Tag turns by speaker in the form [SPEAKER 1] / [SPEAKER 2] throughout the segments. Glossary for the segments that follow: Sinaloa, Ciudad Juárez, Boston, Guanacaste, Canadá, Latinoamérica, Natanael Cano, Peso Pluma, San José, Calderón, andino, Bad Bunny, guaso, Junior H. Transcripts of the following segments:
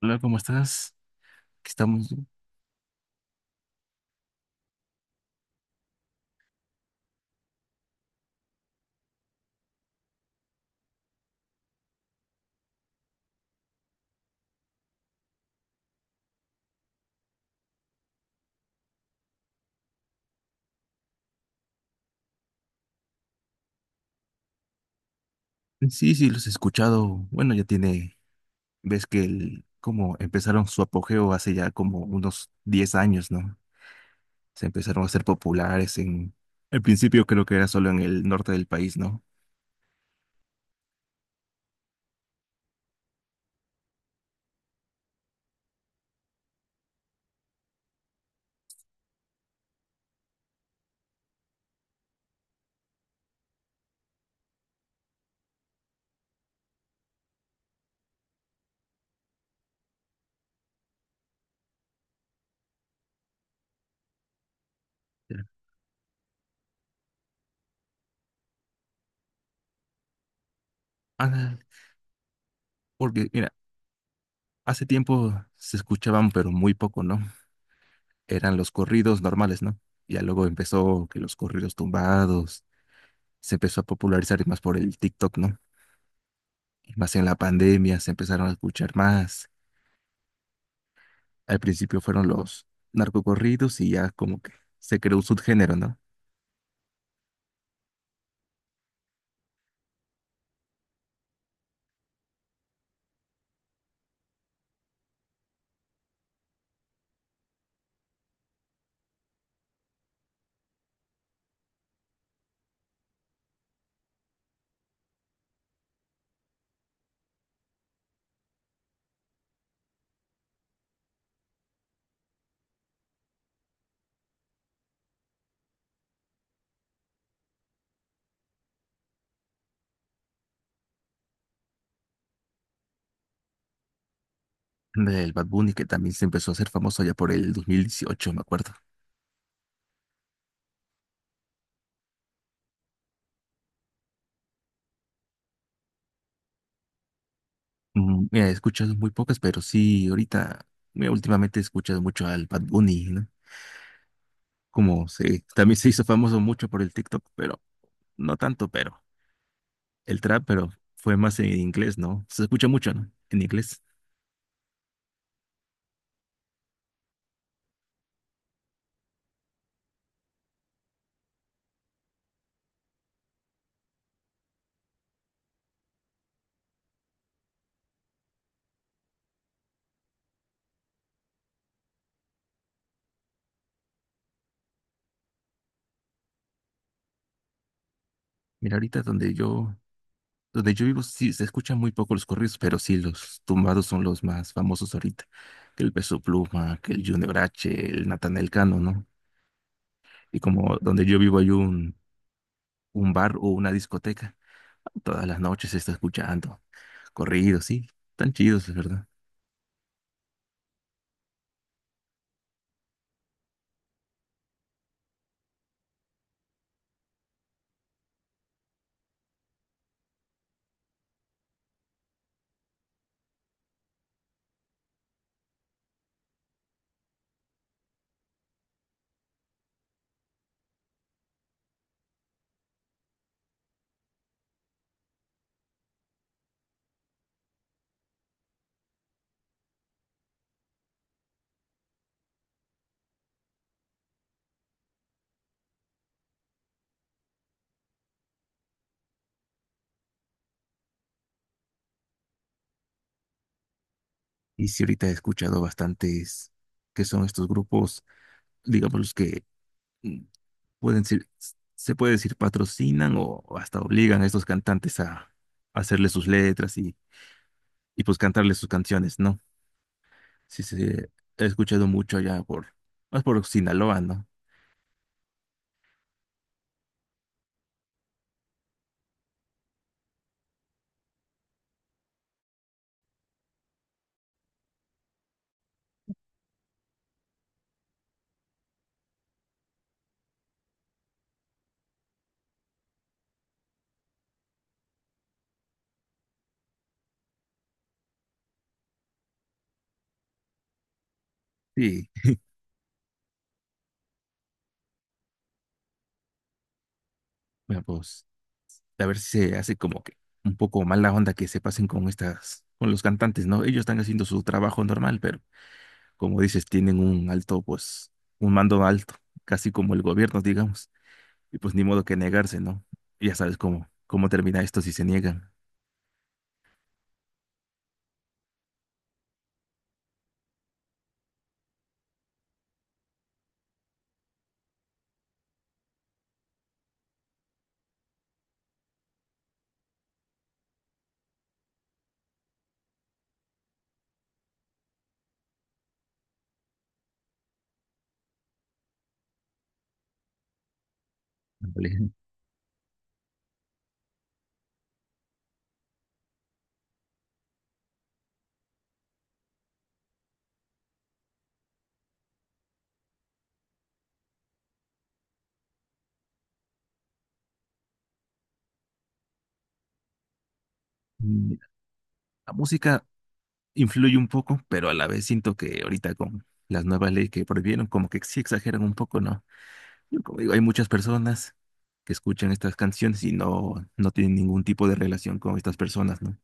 [SPEAKER 1] Hola, ¿cómo estás? Aquí estamos. Sí, sí, los he escuchado. Bueno, ya tiene, ves que el, como empezaron su apogeo hace ya como unos 10 años, ¿no? Se empezaron a hacer populares en, al principio creo que era solo en el norte del país, ¿no? Ya. Ah, porque, mira, hace tiempo se escuchaban, pero muy poco, ¿no? Eran los corridos normales, ¿no? Ya luego empezó que los corridos tumbados se empezó a popularizar y más por el TikTok, ¿no? Y más en la pandemia se empezaron a escuchar más. Al principio fueron los narcocorridos y ya como que se creó un subgénero, ¿no? Del Bad Bunny que también se empezó a hacer famoso ya por el 2018, me acuerdo. Mm, mira, he escuchado muy pocas, pero sí, ahorita, mira, últimamente he escuchado mucho al Bad Bunny, ¿no? Como se, también se hizo famoso mucho por el TikTok, pero no tanto, pero el trap, pero fue más en inglés, ¿no? Se escucha mucho, ¿no? En inglés. Mira, ahorita donde yo vivo sí se escuchan muy poco los corridos, pero sí los tumbados son los más famosos ahorita. Que el Peso Pluma, que el Junior H, el Natanael Cano, ¿no? Y como donde yo vivo hay un bar o una discoteca, todas las noches se está escuchando corridos, sí, tan chidos, es verdad. Y sí ahorita he escuchado bastantes que son estos grupos, digamos los que mm, pueden ser, se puede decir patrocinan o hasta obligan a estos cantantes a hacerle sus letras y pues cantarle sus canciones, ¿no? Sí, sí, he escuchado mucho allá por, más por Sinaloa, ¿no? Sí, bueno, pues a ver si se hace como que un poco mala onda que se pasen con estas, con los cantantes, ¿no? Ellos están haciendo su trabajo normal, pero como dices, tienen un alto, pues, un mando alto, casi como el gobierno, digamos, y pues ni modo que negarse, ¿no? Ya sabes cómo, cómo termina esto si se niegan. Ándale. Mm, la música influye un poco, pero a la vez siento que ahorita con las nuevas leyes que prohibieron, como que sí exageran un poco, ¿no? Como digo, hay muchas personas que escuchan estas canciones y no, no tienen ningún tipo de relación con estas personas, ¿no?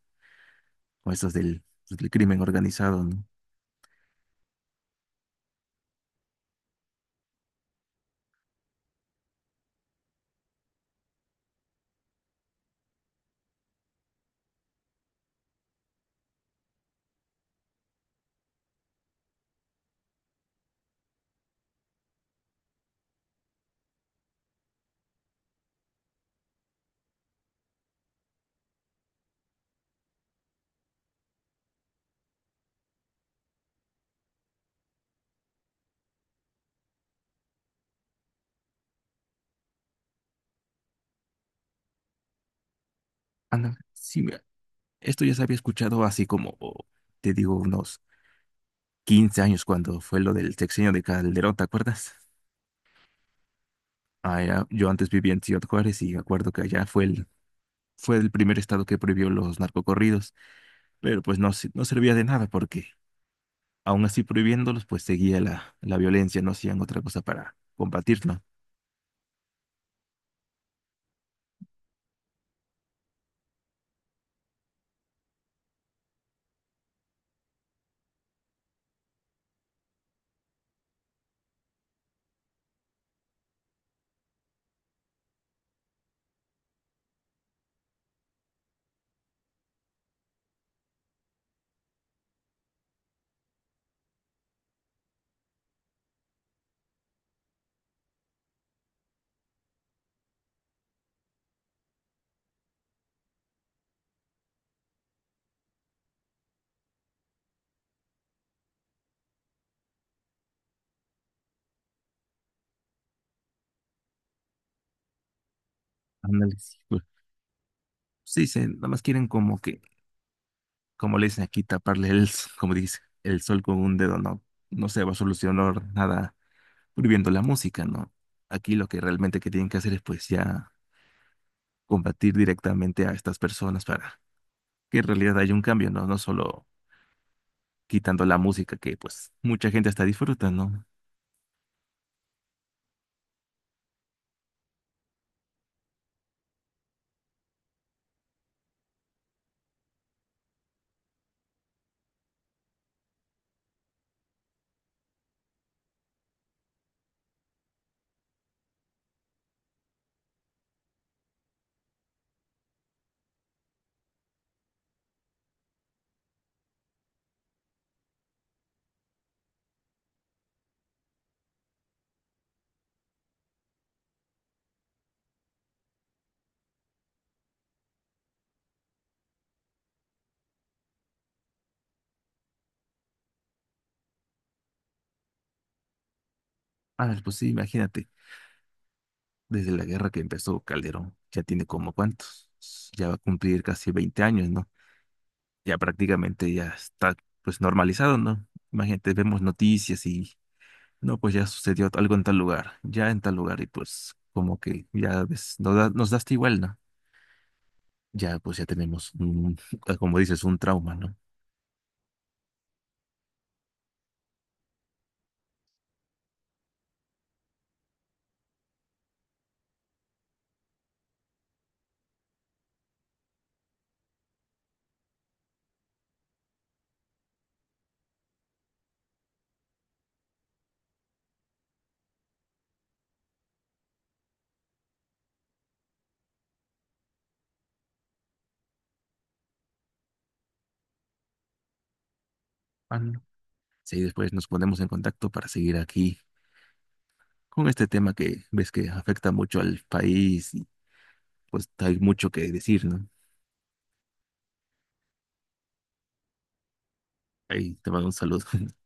[SPEAKER 1] Con estas del, pues, del crimen organizado, ¿no? Ana, sí, mira, esto ya se había escuchado así como, o, te digo, unos 15 años cuando fue lo del sexenio de Calderón, ¿te acuerdas? Ah, era- yo antes vivía en Ciudad Juárez y me acuerdo que allá fue el primer estado que prohibió los narcocorridos, pero pues no, se- no servía de nada porque aún así prohibiéndolos, pues seguía la, la violencia, no hacían otra cosa para combatirlo. Ándale, sí, güey. Sí, dicen, nada más quieren como que, como le dicen aquí, taparle el, s- como dice, el sol con un dedo, no, no se va a solucionar nada prohibiendo la música, ¿no? Aquí lo que realmente que tienen que hacer es pues ya combatir directamente a estas personas para que en realidad haya un cambio, ¿no? No solo quitando la música que pues mucha gente hasta disfruta, ¿no? Ah, pues sí, imagínate, desde la guerra que empezó Calderón, ya tiene como cuántos, ya va a cumplir casi 20 años, ¿no? Ya prácticamente ya está pues normalizado, ¿no? Imagínate, vemos noticias y no, pues ya sucedió algo en tal lugar, ya en tal lugar y pues como que ya ves, nos da hasta igual, ¿no? Ya pues ya tenemos un, como dices, un trauma, ¿no? Ah, no. Sí, después nos ponemos en contacto para seguir aquí con este tema que ves que afecta mucho al país y pues hay mucho que decir, ¿no? Ahí te mando un saludo.